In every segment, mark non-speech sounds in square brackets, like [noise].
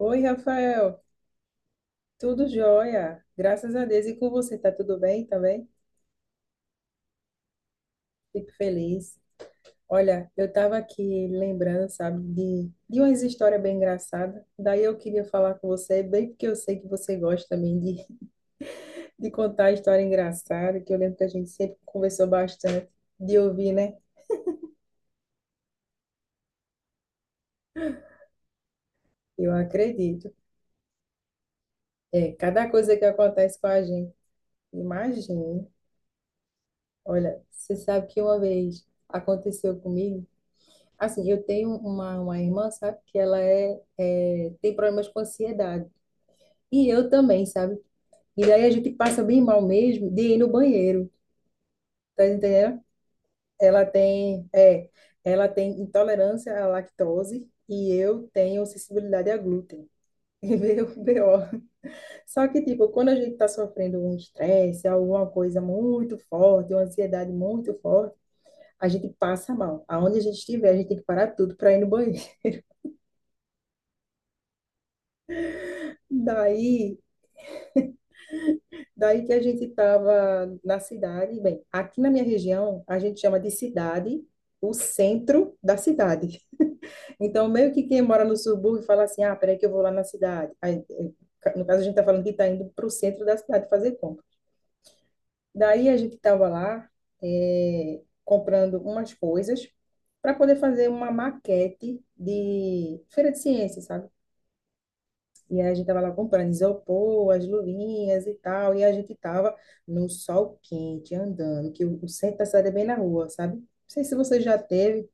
Oi, Rafael. Tudo jóia? Graças a Deus. E com você, tá tudo bem também? Fico feliz. Olha, eu estava aqui lembrando, sabe, de umas histórias bem engraçadas. Daí eu queria falar com você, bem porque eu sei que você gosta também de, [laughs] de contar história engraçada, que eu lembro que a gente sempre conversou bastante de ouvir, né? Eu acredito. É, cada coisa que acontece com a gente. Imagine. Olha, você sabe que uma vez aconteceu comigo. Assim, eu tenho uma irmã, sabe, que ela tem problemas com ansiedade. E eu também, sabe? E daí a gente passa bem mal mesmo de ir no banheiro, tá entendendo? Ela tem, é, ela tem intolerância à lactose e eu tenho sensibilidade a glúten. [laughs] E veio Meu B.O. Só que, tipo, quando a gente tá sofrendo um estresse, alguma coisa muito forte, uma ansiedade muito forte, a gente passa mal. Aonde a gente estiver, a gente tem que parar tudo para ir no banheiro. [laughs] Daí, Daí que a gente estava na cidade, bem, aqui na minha região a gente chama de cidade o centro da cidade. Então, meio que quem mora no subúrbio fala assim: ah, peraí que eu vou lá na cidade. Aí, ca- no caso, a gente está falando que está indo para o centro da cidade fazer compra. Daí a gente estava lá comprando umas coisas para poder fazer uma maquete de feira de ciências, sabe? E aí a gente tava lá comprando isopor, as luvinhas e tal, e a gente tava no sol quente, andando, que o centro da cidade é bem na rua, sabe? Não sei se você já teve.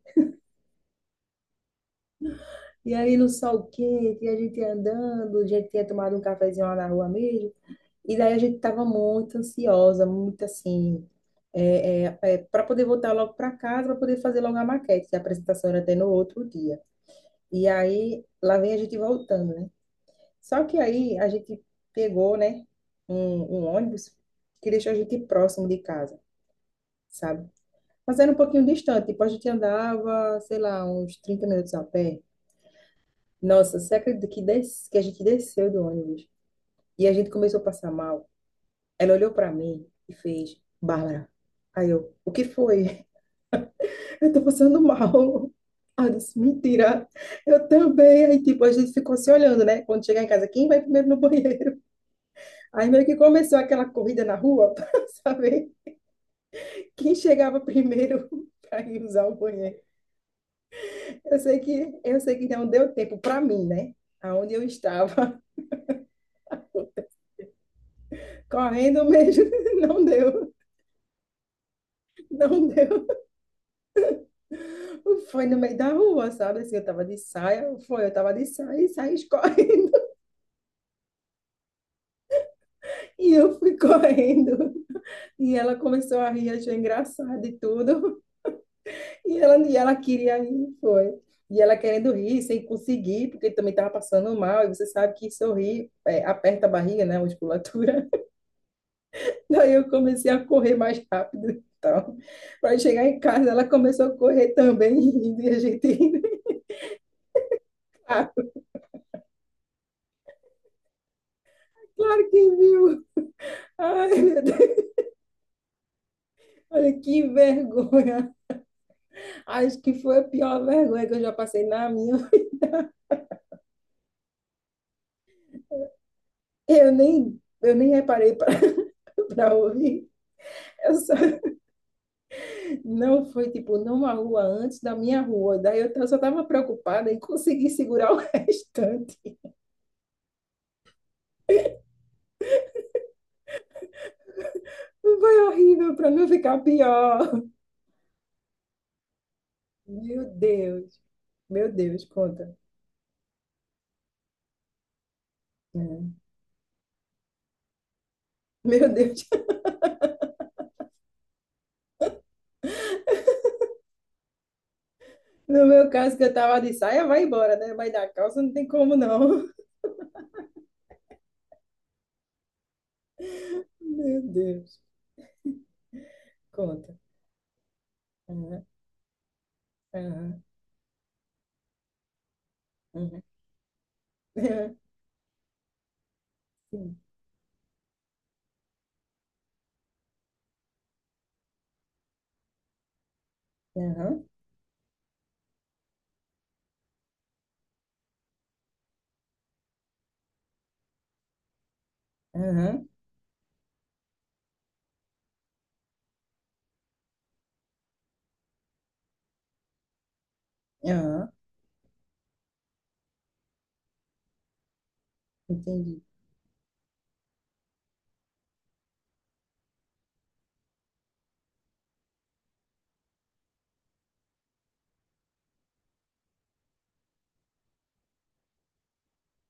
E aí no sol quente, e a gente andando, a gente tinha tomado um cafezinho lá na rua mesmo, e daí a gente tava muito ansiosa, muito assim, é, para poder voltar logo para casa, para poder fazer logo a maquete, que a apresentação era até no outro dia. E aí, lá vem a gente voltando, né? Só que aí a gente pegou, né, um, um ônibus que deixou a gente próximo de casa, sabe? Mas era um pouquinho distante, tipo, a gente andava, sei lá, uns 30 minutos a pé. Nossa, você acredita que, que a gente desceu do ônibus e a gente começou a passar mal? Ela olhou pra mim e fez, Bárbara. Aí eu, o que foi? [laughs] Eu tô passando mal. Aí eu disse, mentira, eu também. Aí, tipo, a gente ficou se olhando, né? Quando chegar em casa, quem vai primeiro no banheiro? Aí meio que começou aquela corrida na rua [laughs] para saber quem chegava primeiro [laughs] para ir usar o banheiro. Eu sei que não deu tempo para mim, né? Aonde eu estava correndo mesmo, [laughs] não deu, não deu. Foi no meio da rua, sabe? Assim, eu estava de saia, foi, eu estava de saia e saí [laughs] correndo. E eu fui correndo. E ela começou a rir, achou engraçado e tudo. E ela queria ir, foi. E ela querendo rir, sem conseguir, porque também estava passando mal. E você sabe que sorrir é, aperta a barriga, né? A musculatura. [laughs] Daí eu comecei a correr mais rápido e tal. Para chegar em casa, ela começou a correr também, [laughs] rindo, e a gente rindo. Ah, claro que viu. Ai, meu Deus. Olha que vergonha. Acho que foi a pior vergonha que eu já passei na minha. Eu nem reparei para [laughs] ouvir. Eu só Não foi tipo numa rua antes da minha rua. Daí eu só estava preocupada em conseguir segurar o [laughs] restante. Foi horrível para não ficar pior. Meu Deus. Meu Deus, conta. É. Meu Deus. [laughs] No meu caso, que eu tava de saia, vai embora, né? Vai dar calça, não tem como não. [laughs] Meu Deus. Conta. Aham, aham, aham. [laughs] Aham, sim. Aham, aham, aham. Entendi.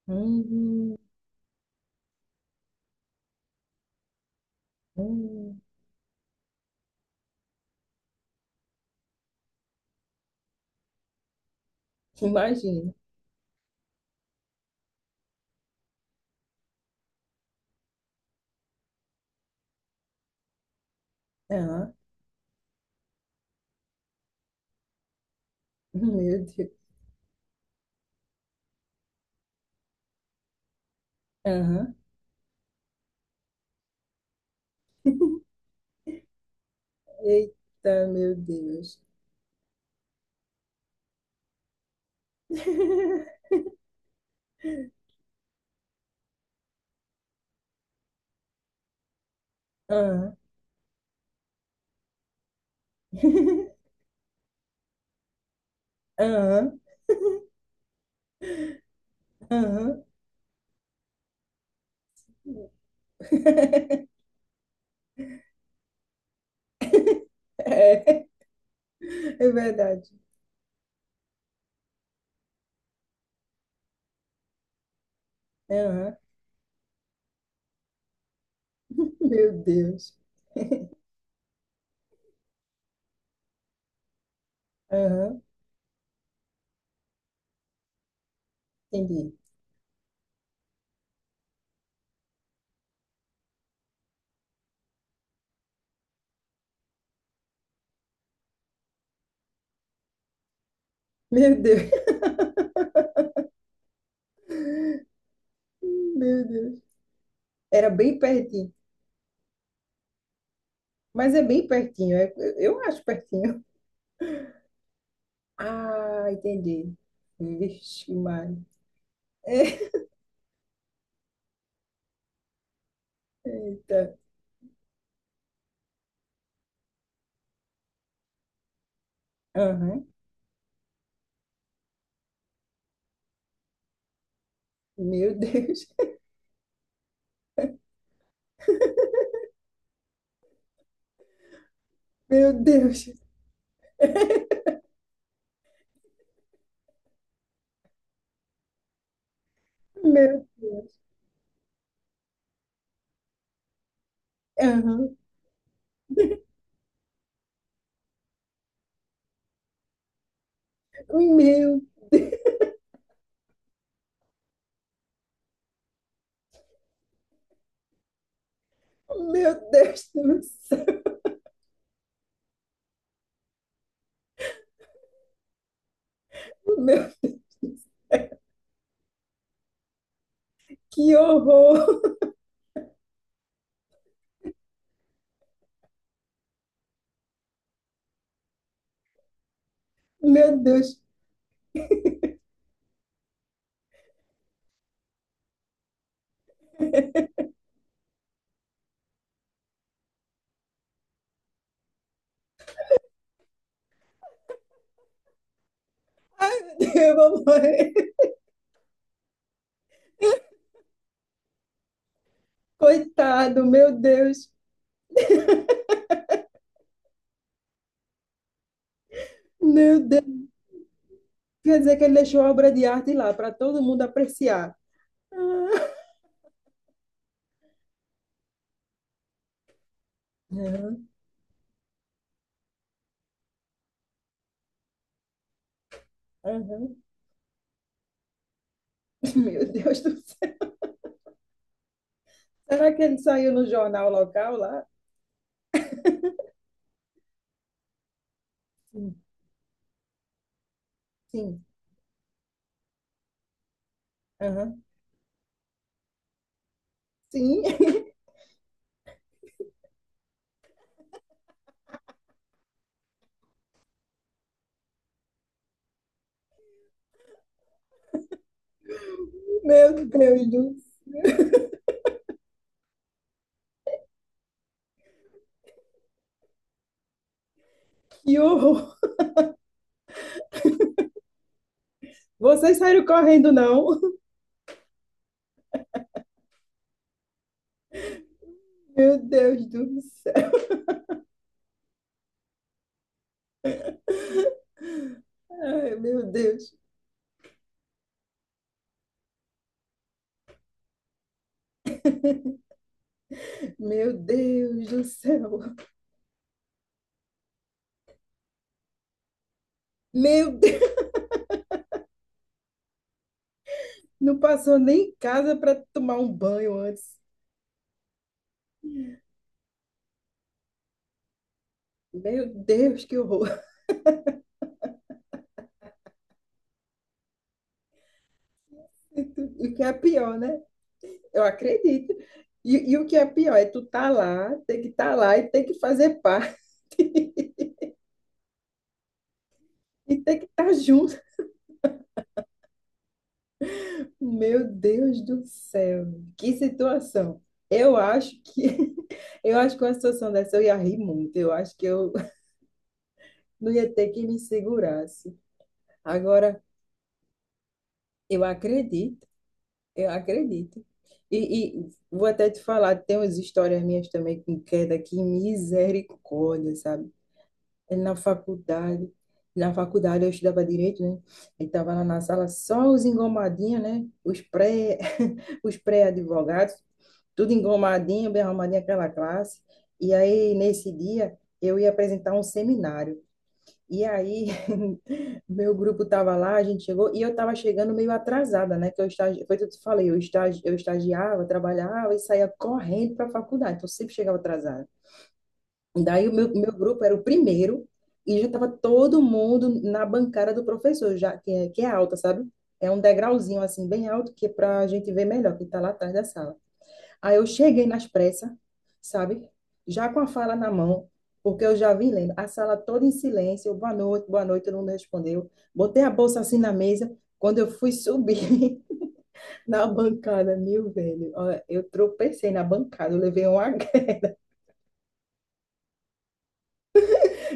Hum, hum. Imagina. [laughs] Meu Deus. Aham. [laughs] Eita, meu Deus. [laughs] Aham. [laughs] Aham. Aham. [laughs] É, é verdade. Aham. Meu Deus. [laughs] Aham. Entendi. Meu Deus. [laughs] Meu Deus. Era bem pertinho. Mas é bem pertinho. Eu acho pertinho. [laughs] Ah, entendi. Vixe, Maria. [laughs] Eita. Aham. Meu Deus. [laughs] Meu Deus. [laughs] Meu Deus. Aham. Meu Deus. Meu Deus do céu. Meu Deus do céu. Que horror. Meu Deus. Ai, meu Deus, eu vou morrer. Coitado, meu Deus. Meu Deus. Quer dizer que ele deixou a obra de arte lá para todo mundo apreciar. Ah. Aham. Aham. Meu Deus do céu. Será que ele saiu no jornal local lá? Sim. Sim. Aham. Sim. Meu Deus do céu. Que horror. Vocês saíram correndo, não? Meu Deus do céu. Ai, meu Deus. Meu Deus do céu. Meu Deus. Não passou nem em casa para tomar um banho antes. Meu Deus, que horror. E o que é pior, né? Eu acredito. E o que é pior é tu tá lá, tem que estar tá lá e tem que fazer parte e tem que estar tá junto. Meu Deus do céu, que situação. Eu acho que [laughs] eu acho que uma situação dessa eu ia rir muito. Eu acho que eu [laughs] não ia ter que me segurasse. Agora, eu acredito, eu acredito. E vou até te falar, tem umas histórias minhas também com queda que misericórdia, sabe? É Na faculdade eu estudava direito, né? E tava lá na sala só os engomadinhos, né? Os pré, [laughs] os pré-advogados. Tudo engomadinho, bem arrumadinho, aquela classe. E aí, nesse dia, eu ia apresentar um seminário. E aí, [laughs] meu grupo estava lá, a gente chegou, e eu estava chegando meio atrasada, né? Que eu foi tudo que eu falei, eu, eu estagiava, trabalhava e saía correndo para a faculdade, então eu sempre chegava atrasada. E daí, o meu grupo era o primeiro, e já estava todo mundo na bancada do professor, já que é alta, sabe? É um degrauzinho, assim, bem alto, que é para a gente ver melhor, que está lá atrás da sala. Aí eu cheguei nas pressas, sabe? Já com a fala na mão, porque eu já vim lendo. A sala toda em silêncio, eu, boa noite, todo mundo respondeu. Botei a bolsa assim na mesa. Quando eu fui subir [laughs] na bancada, meu velho, ó, eu tropecei na bancada, eu levei um H. [laughs]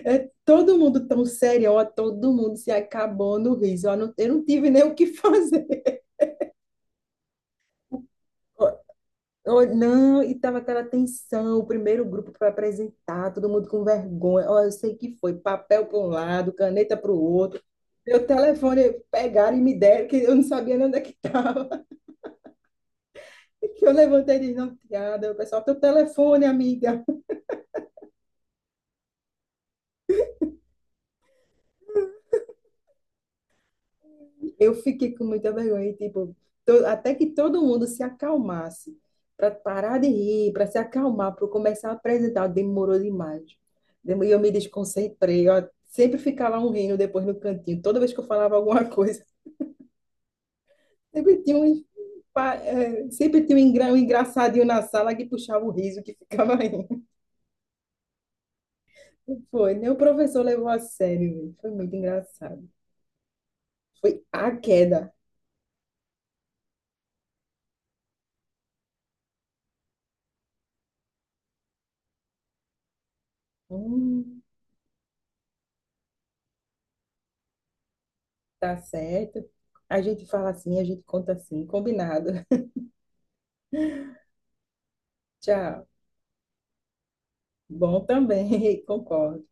É, todo mundo tão sério, ó, todo mundo se acabou no riso. Ó, eu não tive nem o que fazer. [laughs] Oh, não, e tava aquela tensão, o primeiro grupo para apresentar, todo mundo com vergonha. Oh, eu sei que foi, papel para um lado, caneta para o outro. Meu telefone pegaram e me deram, que eu não sabia nem onde é que estava. [laughs] Que eu levantei de noteada, o pessoal, teu telefone, amiga. Eu fiquei com muita vergonha, e, tipo, até que todo mundo se acalmasse, para parar de rir, para se acalmar, para começar a apresentar, demorou demais. E eu me desconcentrei, ó, sempre ficava um rindo depois no cantinho, toda vez que eu falava alguma [laughs] coisa, sempre tinha um, sempre tinha um um engraçadinho na sala que puxava o riso, que [laughs] ficava rindo. Foi, nem o professor levou a sério, velho. Foi muito engraçado. Foi a queda. Hum. Tá certo. A gente fala assim, a gente conta assim, combinado. [laughs] Tchau. Bom também, [laughs] concordo.